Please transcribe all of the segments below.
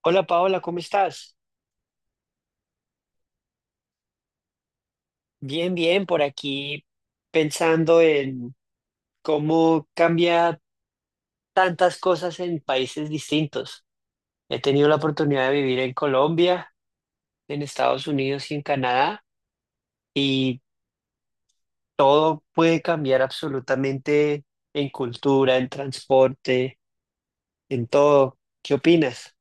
Hola Paola, ¿cómo estás? Bien, bien, por aquí pensando en cómo cambia tantas cosas en países distintos. He tenido la oportunidad de vivir en Colombia, en Estados Unidos y en Canadá, y todo puede cambiar absolutamente en cultura, en transporte, en todo. ¿Qué opinas?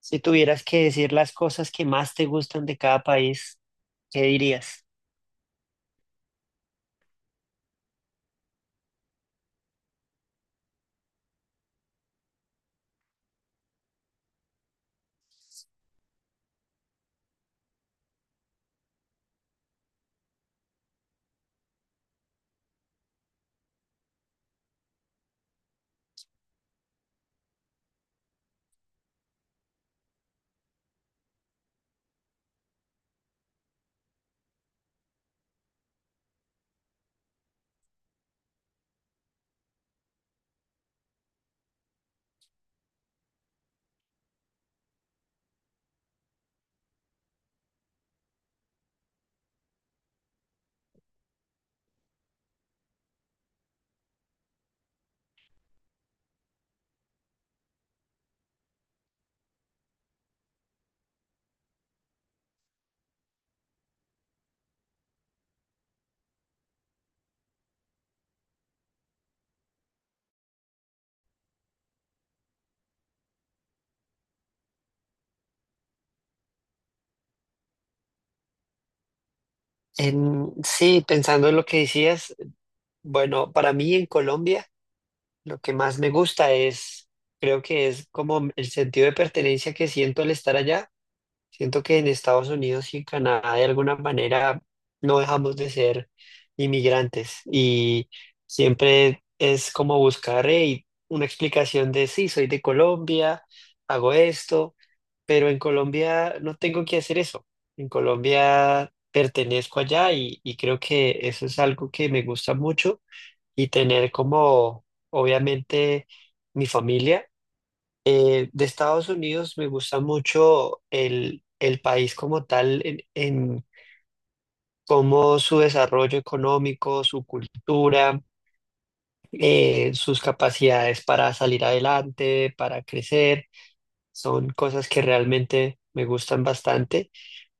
Si tuvieras que decir las cosas que más te gustan de cada país, ¿qué dirías? Sí, pensando en lo que decías. Bueno, para mí en Colombia lo que más me gusta es, creo que es como el sentido de pertenencia que siento al estar allá. Siento que en Estados Unidos y en Canadá de alguna manera no dejamos de ser inmigrantes y siempre es como buscar una explicación de sí, soy de Colombia, hago esto, pero en Colombia no tengo que hacer eso. En Colombia pertenezco allá y creo que eso es algo que me gusta mucho y tener como, obviamente, mi familia. De Estados Unidos me gusta mucho el país como tal, en cómo su desarrollo económico, su cultura, sus capacidades para salir adelante, para crecer, son cosas que realmente me gustan bastante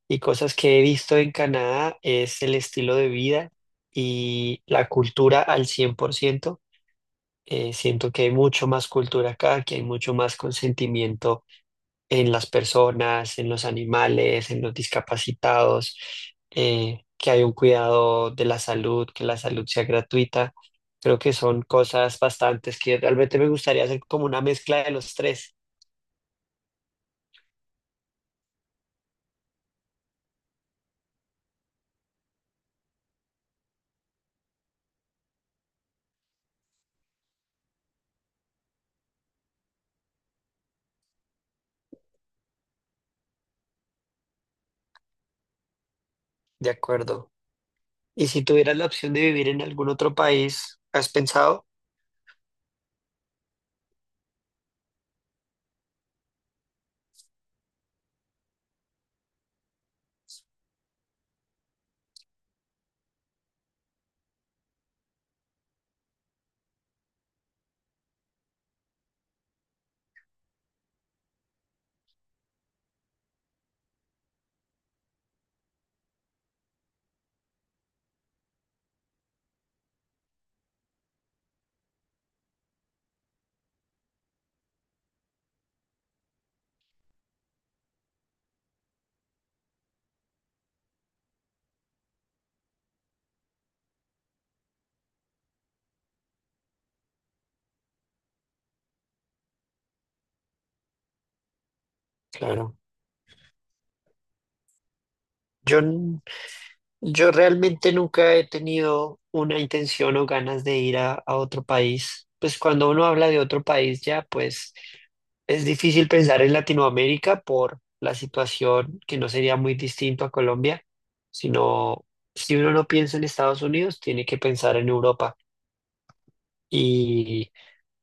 y cosas que he visto en Canadá es el estilo de vida. Y la cultura al cien por ciento, siento que hay mucho más cultura acá, que hay mucho más consentimiento en las personas, en los animales, en los discapacitados, que hay un cuidado de la salud, que la salud sea gratuita. Creo que son cosas bastantes que realmente me gustaría hacer como una mezcla de los tres, ¿de acuerdo? Y si tuvieras la opción de vivir en algún otro país, ¿has pensado? Claro. Yo Yo realmente nunca he tenido una intención o ganas de ir a otro país. Pues cuando uno habla de otro país ya, pues es difícil pensar en Latinoamérica por la situación que no sería muy distinto a Colombia, sino si uno no piensa en Estados Unidos, tiene que pensar en Europa. Y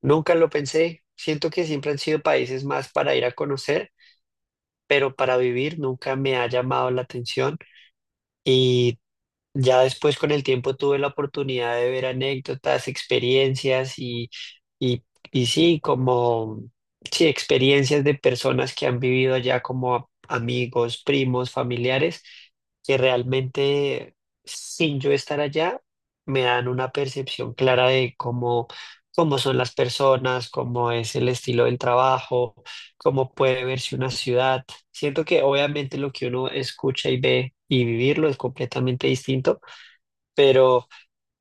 nunca lo pensé. Siento que siempre han sido países más para ir a conocer, pero para vivir nunca me ha llamado la atención. Y ya después con el tiempo tuve la oportunidad de ver anécdotas, experiencias y, y, y sí, como sí, experiencias de personas que han vivido allá como amigos, primos, familiares, que realmente sin yo estar allá me dan una percepción clara de cómo, cómo son las personas, cómo es el estilo del trabajo, cómo puede verse una ciudad. Siento que obviamente lo que uno escucha y ve y vivirlo es completamente distinto, pero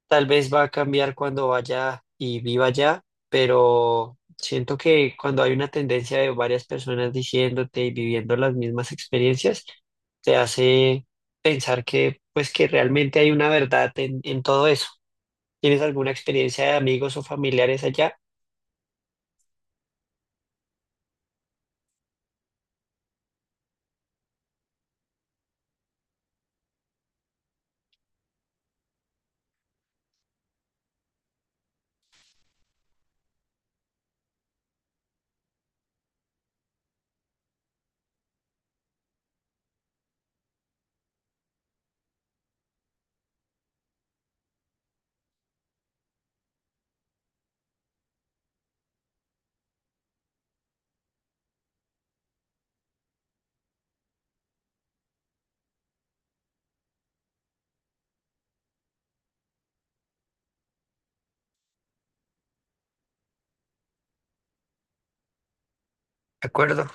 tal vez va a cambiar cuando vaya y viva allá, pero siento que cuando hay una tendencia de varias personas diciéndote y viviendo las mismas experiencias, te hace pensar que pues que realmente hay una verdad en todo eso. ¿Tienes alguna experiencia de amigos o familiares allá? De acuerdo,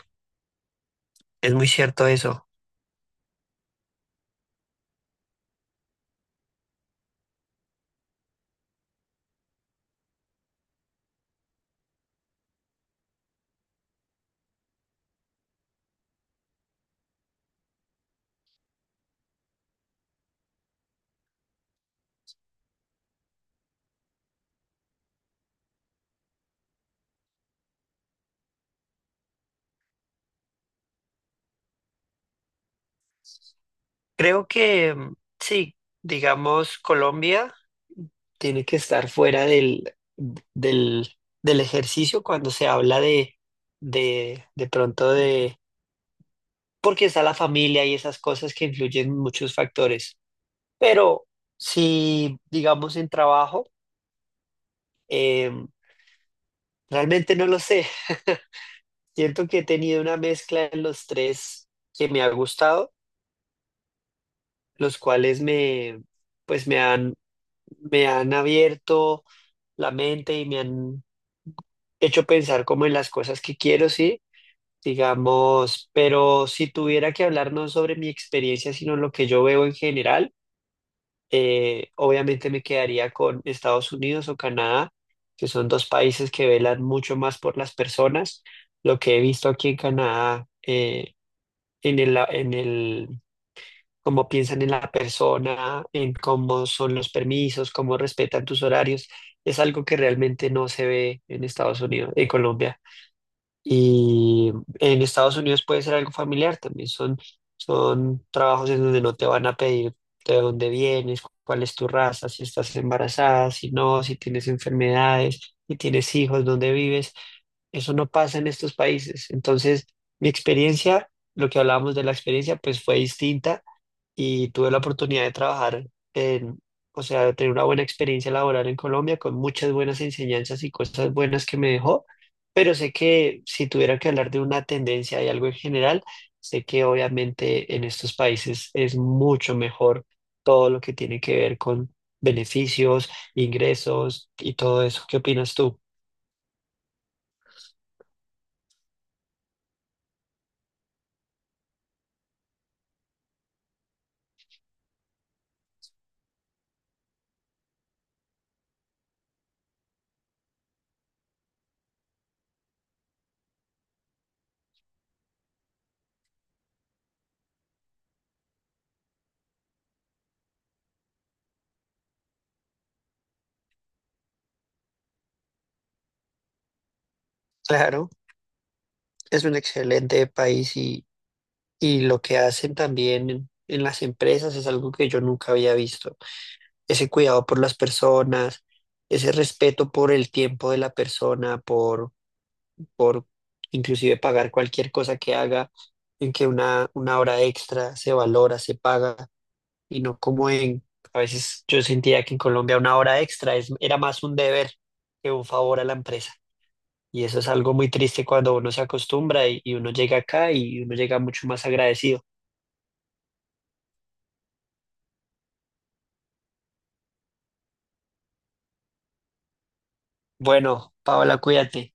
es muy cierto eso. Creo que sí, digamos Colombia tiene que estar fuera del, del ejercicio cuando se habla de pronto, porque está la familia y esas cosas que influyen muchos factores. Pero si, digamos, en trabajo, eh, realmente no lo sé. Siento que he tenido una mezcla en los tres que me ha gustado, los cuales me, pues me han abierto la mente y me han hecho pensar como en las cosas que quiero, sí, digamos, pero si tuviera que hablar no sobre mi experiencia, sino lo que yo veo en general, obviamente me quedaría con Estados Unidos o Canadá, que son dos países que velan mucho más por las personas. Lo que he visto aquí en Canadá, en el cómo piensan en la persona, en cómo son los permisos, cómo respetan tus horarios, es algo que realmente no se ve en Estados Unidos, en Colombia. Y en Estados Unidos puede ser algo familiar también. Son trabajos en donde no te van a pedir de dónde vienes, cuál es tu raza, si estás embarazada, si no, si tienes enfermedades, si tienes hijos, dónde vives. Eso no pasa en estos países. Entonces, mi experiencia, lo que hablábamos de la experiencia, pues fue distinta y tuve la oportunidad de trabajar en, o sea, de tener una buena experiencia laboral en Colombia con muchas buenas enseñanzas y cosas buenas que me dejó, pero sé que si tuviera que hablar de una tendencia y algo en general, sé que obviamente en estos países es mucho mejor todo lo que tiene que ver con beneficios, ingresos y todo eso. ¿Qué opinas tú? Claro, es un excelente país y lo que hacen también en las empresas es algo que yo nunca había visto. Ese cuidado por las personas, ese respeto por el tiempo de la persona, por inclusive pagar cualquier cosa que haga, en que una hora extra se valora, se paga, y no como en, a veces yo sentía que en Colombia una hora extra es, era más un deber que un favor a la empresa. Y eso es algo muy triste cuando uno se acostumbra y uno llega acá y uno llega mucho más agradecido. Bueno, Paola, cuídate.